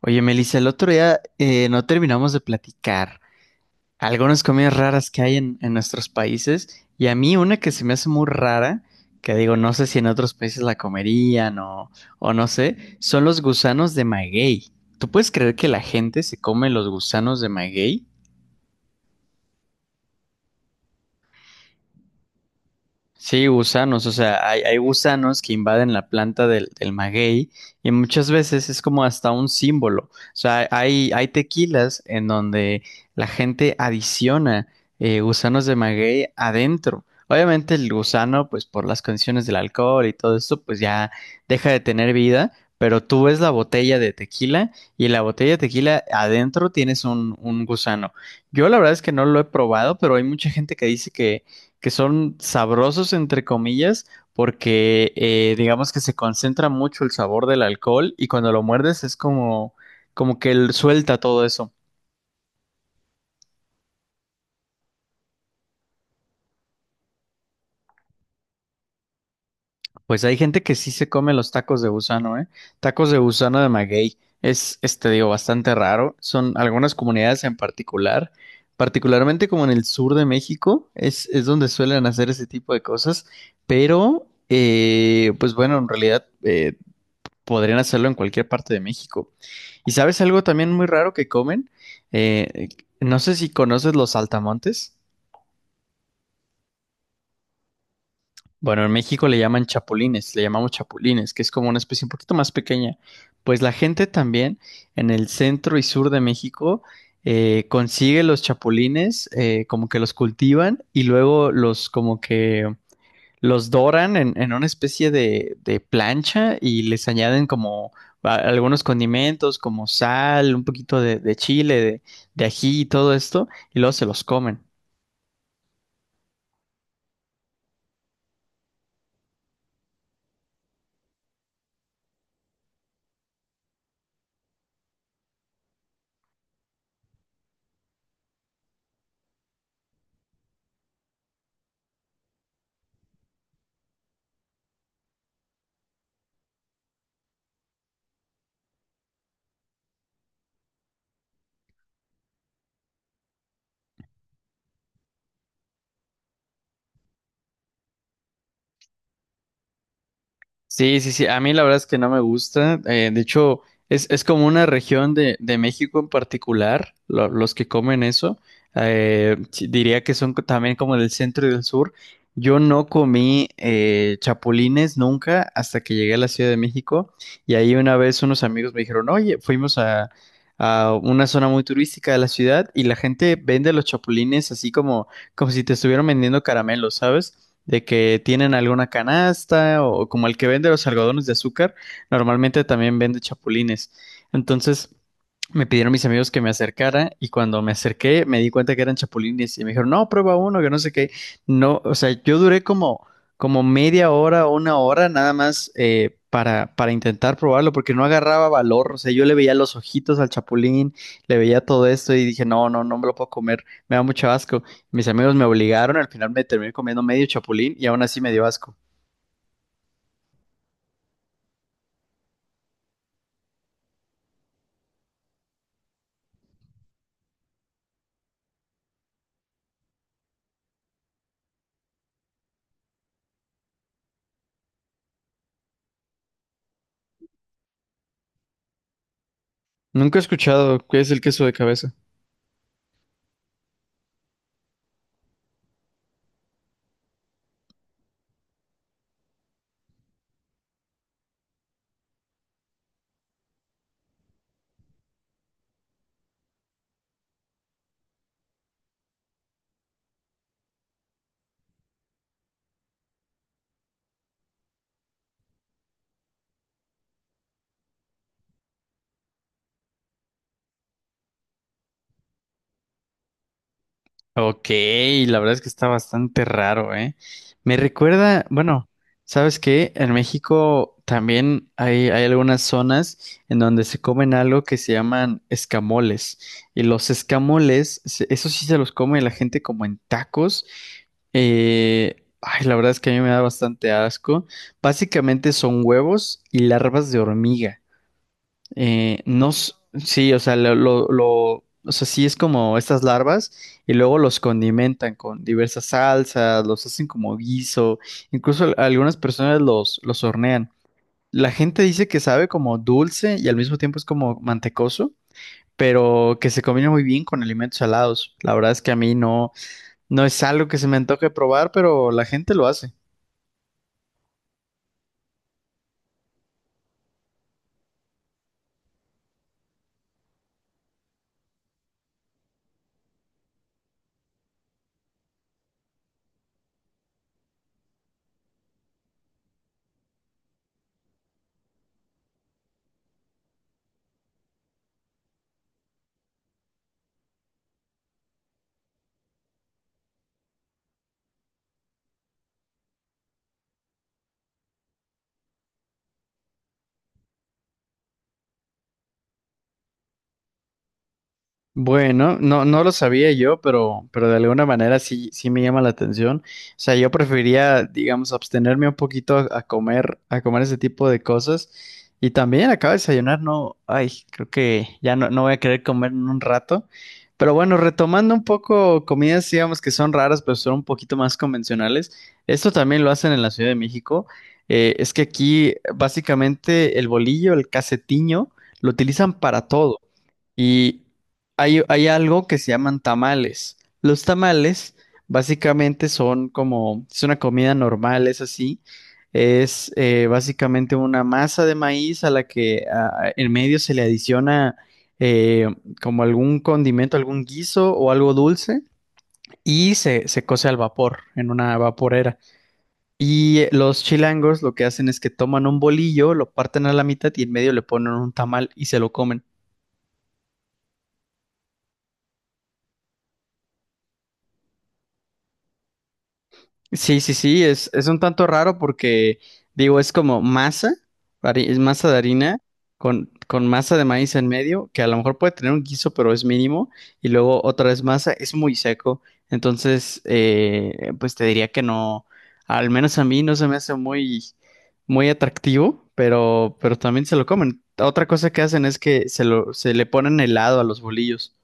Oye, Melissa, el otro día no terminamos de platicar algunas comidas raras que hay en nuestros países y a mí una que se me hace muy rara, que digo, no sé si en otros países la comerían o no sé, son los gusanos de maguey. ¿Tú puedes creer que la gente se come los gusanos de maguey? Sí, gusanos, o sea, hay gusanos que invaden la planta del maguey y muchas veces es como hasta un símbolo. O sea, hay tequilas en donde la gente adiciona gusanos de maguey adentro. Obviamente el gusano, pues por las condiciones del alcohol y todo esto, pues ya deja de tener vida, pero tú ves la botella de tequila y la botella de tequila adentro tienes un gusano. Yo la verdad es que no lo he probado, pero hay mucha gente que dice que son sabrosos entre comillas porque digamos que se concentra mucho el sabor del alcohol y cuando lo muerdes es como que él suelta todo eso. Pues hay gente que sí se come los tacos de gusano, ¿eh? Tacos de gusano de maguey. Es, este, digo, bastante raro. Son algunas comunidades en particular, particularmente como en el sur de México, es donde suelen hacer ese tipo de cosas. Pero, pues bueno, en realidad podrían hacerlo en cualquier parte de México. ¿Y sabes algo también muy raro que comen? Eh, no sé si conoces los saltamontes. Bueno, en México le llaman chapulines, le llamamos chapulines, que es como una especie un poquito más pequeña. Pues la gente también en el centro y sur de México consigue los chapulines, como que los cultivan y luego los como que los doran en una especie de plancha y les añaden como algunos condimentos como sal, un poquito de chile, de ají y todo esto, y luego se los comen. Sí, sí, sí. A mí la verdad es que no me gusta. De hecho, es como una región de México en particular, los que comen eso. Sí, diría que son también como del centro y del sur. Yo no comí chapulines nunca hasta que llegué a la Ciudad de México. Y ahí una vez unos amigos me dijeron, oye, fuimos a una zona muy turística de la ciudad y la gente vende los chapulines así como como si te estuvieran vendiendo caramelos, ¿sabes? De que tienen alguna canasta o como el que vende los algodones de azúcar, normalmente también vende chapulines. Entonces me pidieron mis amigos que me acercara y cuando me acerqué me di cuenta que eran chapulines y me dijeron, no, prueba uno, que no sé qué. No, o sea, yo duré como media hora, una hora nada más para intentar probarlo porque no agarraba valor. O sea, yo le veía los ojitos al chapulín, le veía todo esto y dije, no, no, no me lo puedo comer, me da mucho asco. Mis amigos me obligaron, al final me terminé comiendo medio chapulín y aún así me dio asco. Nunca he escuchado qué es el queso de cabeza. Ok, la verdad es que está bastante raro, ¿eh? Me recuerda, bueno, ¿sabes qué? En México también hay algunas zonas en donde se comen algo que se llaman escamoles. Y los escamoles, eso sí se los come la gente como en tacos. Ay, la verdad es que a mí me da bastante asco. Básicamente son huevos y larvas de hormiga. No, sí, o sea, o sea, sí es como estas larvas y luego los condimentan con diversas salsas, los hacen como guiso, incluso algunas personas los hornean. La gente dice que sabe como dulce y al mismo tiempo es como mantecoso, pero que se combina muy bien con alimentos salados. La verdad es que a mí no, no es algo que se me antoje probar, pero la gente lo hace. Bueno, no, no lo sabía yo, pero de alguna manera sí, sí me llama la atención. O sea, yo preferiría, digamos, abstenerme un poquito a comer ese tipo de cosas. Y también acabo de desayunar, no, ay, creo que ya no, no voy a querer comer en un rato. Pero bueno, retomando un poco comidas, digamos que son raras, pero son un poquito más convencionales. Esto también lo hacen en la Ciudad de México. Es que aquí básicamente el bolillo, el casetiño, lo utilizan para todo. Y hay algo que se llaman tamales. Los tamales básicamente son como, es una comida normal, es así. Es básicamente una masa de maíz a la que ah, en medio se le adiciona eh, como algún condimento, algún guiso o algo dulce y se cose al vapor en una vaporera. Y los chilangos lo que hacen es que toman un bolillo, lo parten a la mitad y en medio le ponen un tamal y se lo comen. Sí, sí, sí, es un tanto raro porque, digo, es como masa, es masa de harina con masa de maíz en medio, que a lo mejor puede tener un guiso, pero es mínimo, y luego otra vez masa, es muy seco, entonces, pues te diría que no, al menos a mí no se me hace muy, muy atractivo, pero también se lo comen. Otra cosa que hacen es que se le ponen helado a los bolillos.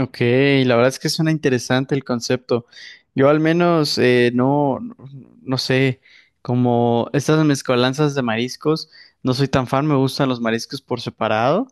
Ok, la verdad es que suena interesante el concepto. Yo al menos no, no sé, como estas mezcolanzas de mariscos, no soy tan fan, me gustan los mariscos por separado,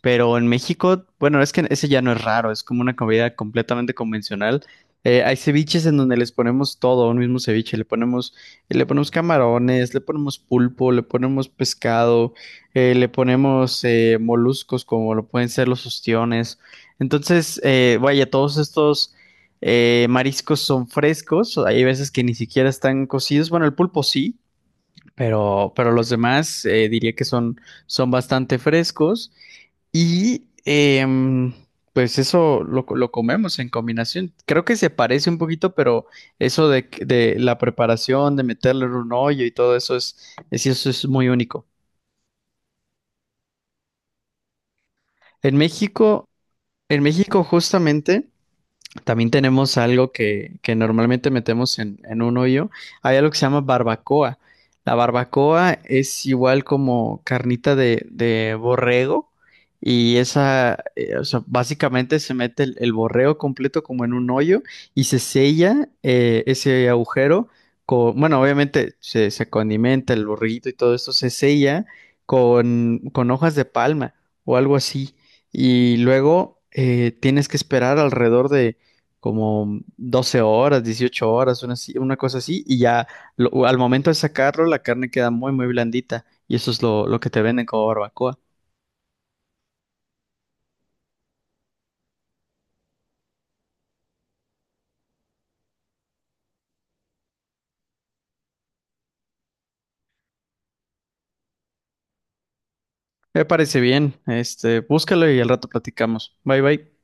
pero en México, bueno, es que ese ya no es raro, es como una comida completamente convencional. Hay ceviches en donde les ponemos todo, un mismo ceviche, le ponemos camarones, le ponemos pulpo, le ponemos pescado, le ponemos moluscos como lo pueden ser los ostiones. Entonces, vaya, todos estos mariscos son frescos, hay veces que ni siquiera están cocidos, bueno, el pulpo sí, pero los demás diría que son, son bastante frescos y pues eso lo comemos en combinación. Creo que se parece un poquito, pero eso de la preparación, de meterle en un hoyo y todo eso es, eso es muy único. En México, en México justamente... También tenemos algo que normalmente metemos en un hoyo. Hay algo que se llama barbacoa. La barbacoa es igual como carnita de borrego y esa, o sea, básicamente se mete el borrego completo como en un hoyo y se sella ese agujero con, bueno, obviamente se condimenta el borreguito y todo esto, se sella con hojas de palma o algo así. Y luego tienes que esperar alrededor de como 12 horas, 18 horas, una, una cosa así, y ya al momento de sacarlo, la carne queda muy, muy blandita, y eso es lo que te venden como barbacoa. Me parece bien, este, búscalo y al rato platicamos. Bye, bye.